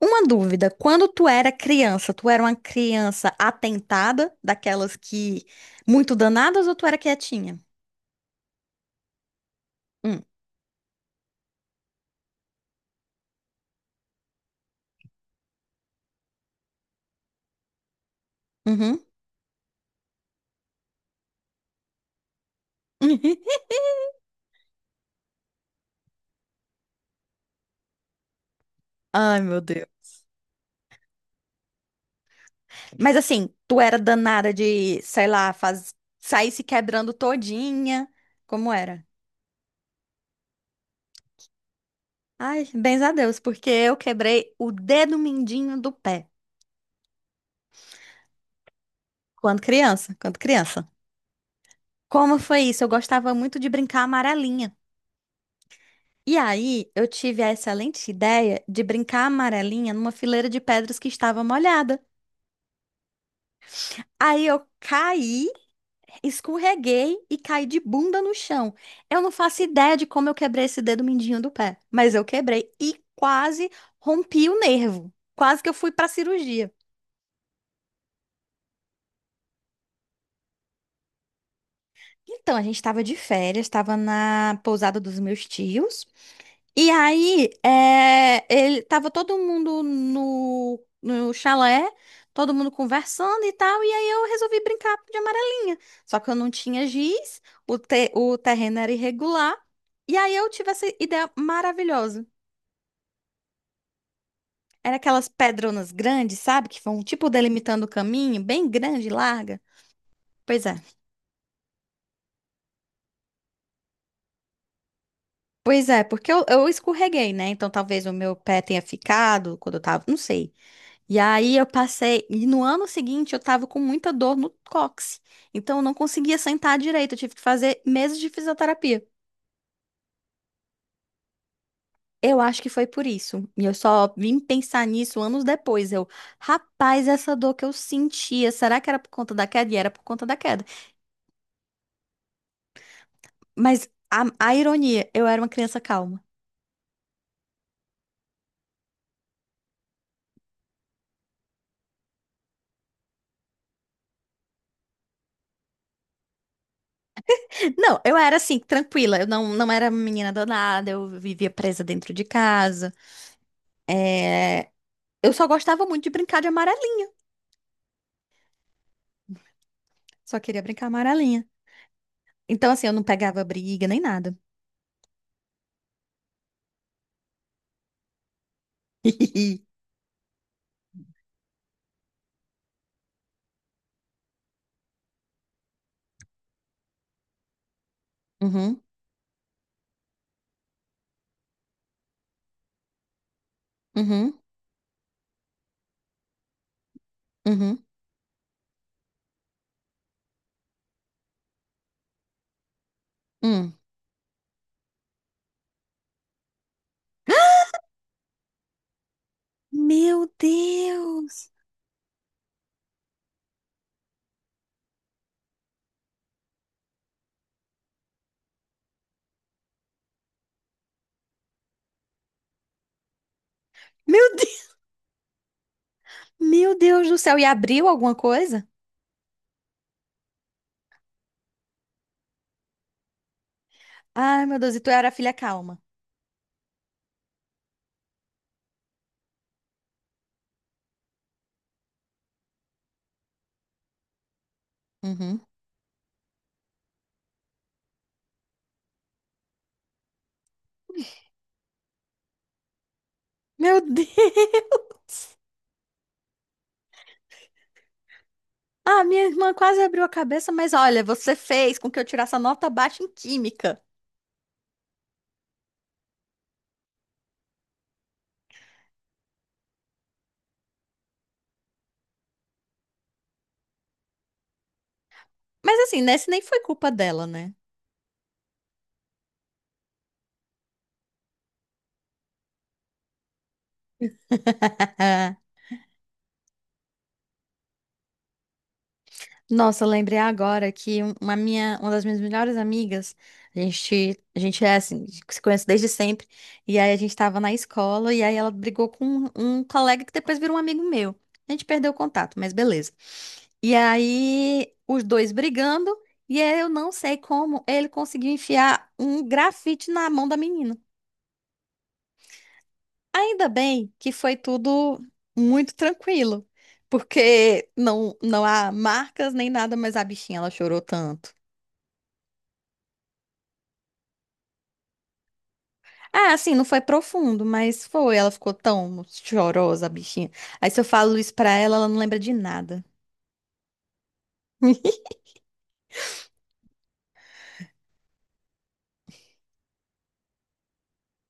Uma dúvida, quando tu era criança, tu era uma criança atentada, daquelas que muito danadas, ou tu era quietinha? Hum, uhum. Ai, meu Deus. Mas assim, tu era danada de, sei lá, faz... sair se quebrando todinha. Como era? Ai, bens a Deus, porque eu quebrei o dedo mindinho do pé. Quando criança, quando criança. Como foi isso? Eu gostava muito de brincar amarelinha. E aí, eu tive a excelente ideia de brincar a amarelinha numa fileira de pedras que estava molhada. Aí eu caí, escorreguei e caí de bunda no chão. Eu não faço ideia de como eu quebrei esse dedo mindinho do pé, mas eu quebrei e quase rompi o nervo. Quase que eu fui para cirurgia. Então, a gente estava de férias, estava na pousada dos meus tios. E aí, ele tava todo mundo no chalé, todo mundo conversando e tal, e aí eu resolvi brincar de amarelinha. Só que eu não tinha giz, o terreno era irregular, e aí eu tive essa ideia maravilhosa. Era aquelas pedronas grandes, sabe? Que vão tipo delimitando o caminho, bem grande e larga. Pois é. Pois é, porque eu escorreguei, né? Então talvez o meu pé tenha ficado quando eu tava, não sei. E aí eu passei, e no ano seguinte eu tava com muita dor no cóccix. Então eu não conseguia sentar direito, eu tive que fazer meses de fisioterapia. Eu acho que foi por isso. E eu só vim pensar nisso anos depois. Eu, rapaz, essa dor que eu sentia, será que era por conta da queda? E era por conta da queda. Mas a ironia, eu era uma criança calma. Não, eu era assim, tranquila. Eu não, não era menina danada, eu vivia presa dentro de casa. É, eu só gostava muito de brincar de amarelinha. Só queria brincar amarelinha. Então, assim, eu não pegava briga nem nada. Uhum, uhum, uhum, hum. Meu Deus! Meu Deus, meu Deus do céu! E abriu alguma coisa? Ai, meu Deus, e tu era a filha calma. Uhum. Meu Deus! Ah, minha irmã quase abriu a cabeça, mas olha, você fez com que eu tirasse a nota baixa em química. Mas assim, né? Isso nem foi culpa dela, né? Nossa, eu lembrei agora que uma minha, uma das minhas melhores amigas, a gente é assim, se conhece desde sempre, e aí a gente tava na escola, e aí ela brigou com um colega que depois virou um amigo meu. A gente perdeu o contato, mas beleza. E aí, os dois brigando, e aí eu não sei como ele conseguiu enfiar um grafite na mão da menina. Ainda bem que foi tudo muito tranquilo, porque não há marcas nem nada, mas a bichinha, ela chorou tanto. Ah, assim, não foi profundo, mas foi. Ela ficou tão chorosa, a bichinha. Aí se eu falo isso pra ela, ela não lembra de nada.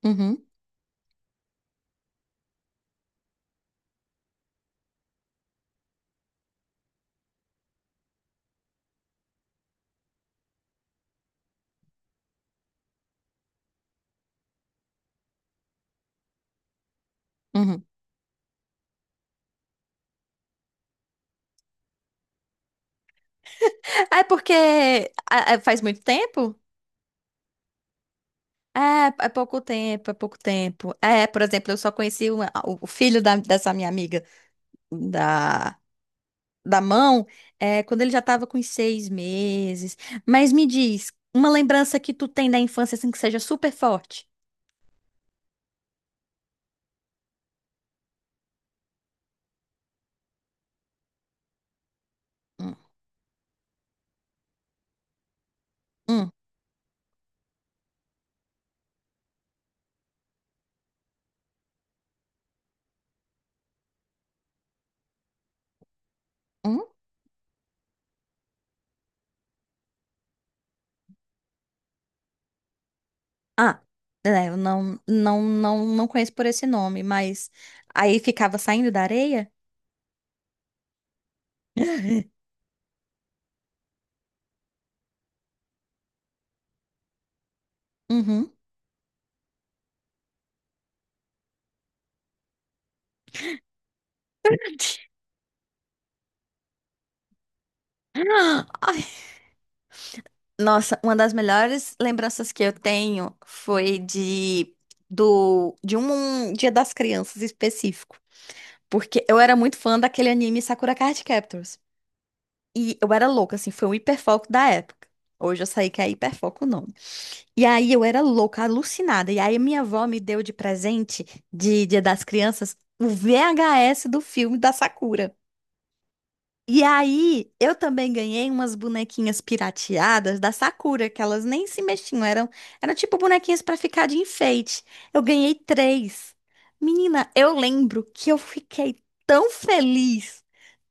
Uhum, uhum. Ah, é porque ah, ah, faz muito tempo? É, é pouco tempo, é pouco tempo. É, por exemplo, eu só conheci o filho dessa minha amiga da, da mão, é, quando ele já tava com uns 6 meses. Mas me diz, uma lembrança que tu tem da infância, assim, que seja super forte? Hum, hum, hum. Ah, é, eu não, não, não, não conheço por esse nome, mas aí ficava saindo da areia? Uhum. Ai, nossa, uma das melhores lembranças que eu tenho foi de um Dia das Crianças específico, porque eu era muito fã daquele anime Sakura Card Captors. E eu era louca, assim, foi um hiperfoco da época. Hoje eu sei que é hiperfoco não. E aí eu era louca, alucinada. E aí minha avó me deu de presente de Dia das Crianças o VHS do filme da Sakura. E aí eu também ganhei umas bonequinhas pirateadas da Sakura, que elas nem se mexiam, eram tipo bonequinhas pra ficar de enfeite. Eu ganhei 3. Menina, eu lembro que eu fiquei tão feliz.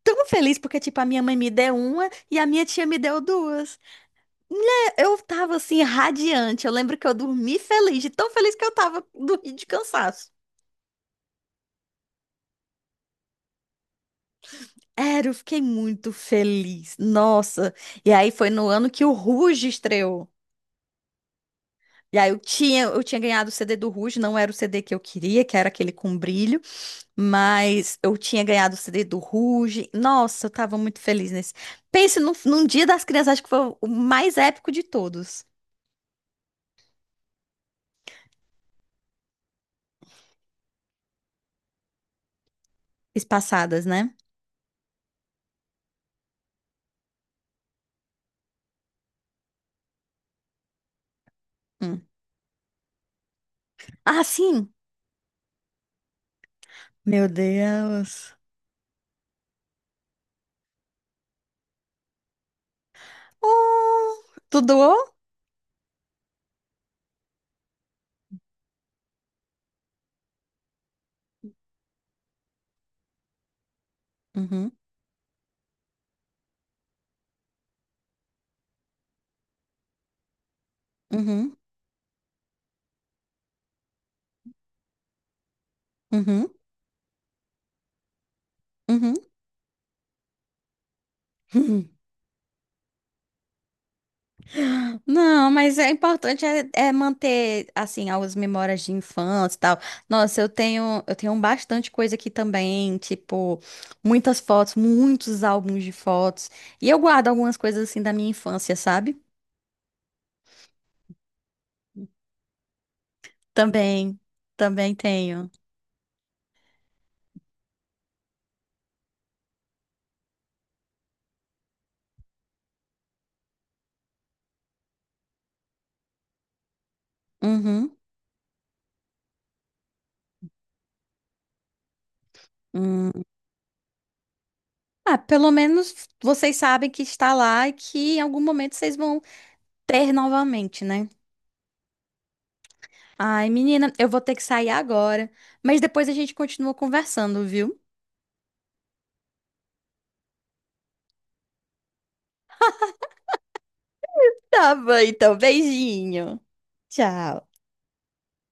Tão feliz porque, tipo, a minha mãe me deu uma e a minha tia me deu duas. Eu tava assim, radiante. Eu lembro que eu dormi feliz, de tão feliz que eu tava, dormi de cansaço. Era, eu fiquei muito feliz. Nossa. E aí foi no ano que o Ruge estreou. E aí eu tinha ganhado o CD do Ruge, não era o CD que eu queria, que era aquele com brilho, mas eu tinha ganhado o CD do Ruge. Nossa, eu tava muito feliz nesse. Pense num dia das crianças, acho que foi o mais épico de todos. Espaçadas, né? Hum. Ah, sim. Meu Deus. Oh, tu doou? Uhum, uhum, uhum, uhum. Não, mas é importante é manter assim as memórias de infância e tal. Nossa, eu tenho bastante coisa aqui também, tipo muitas fotos, muitos álbuns de fotos. E eu guardo algumas coisas assim da minha infância, sabe? Também, também tenho. Uhum. Hum. Ah, pelo menos vocês sabem que está lá e que em algum momento vocês vão ter novamente, né? Ai, menina, eu vou ter que sair agora, mas depois a gente continua conversando, viu? Tá bom, então, beijinho. Tchau.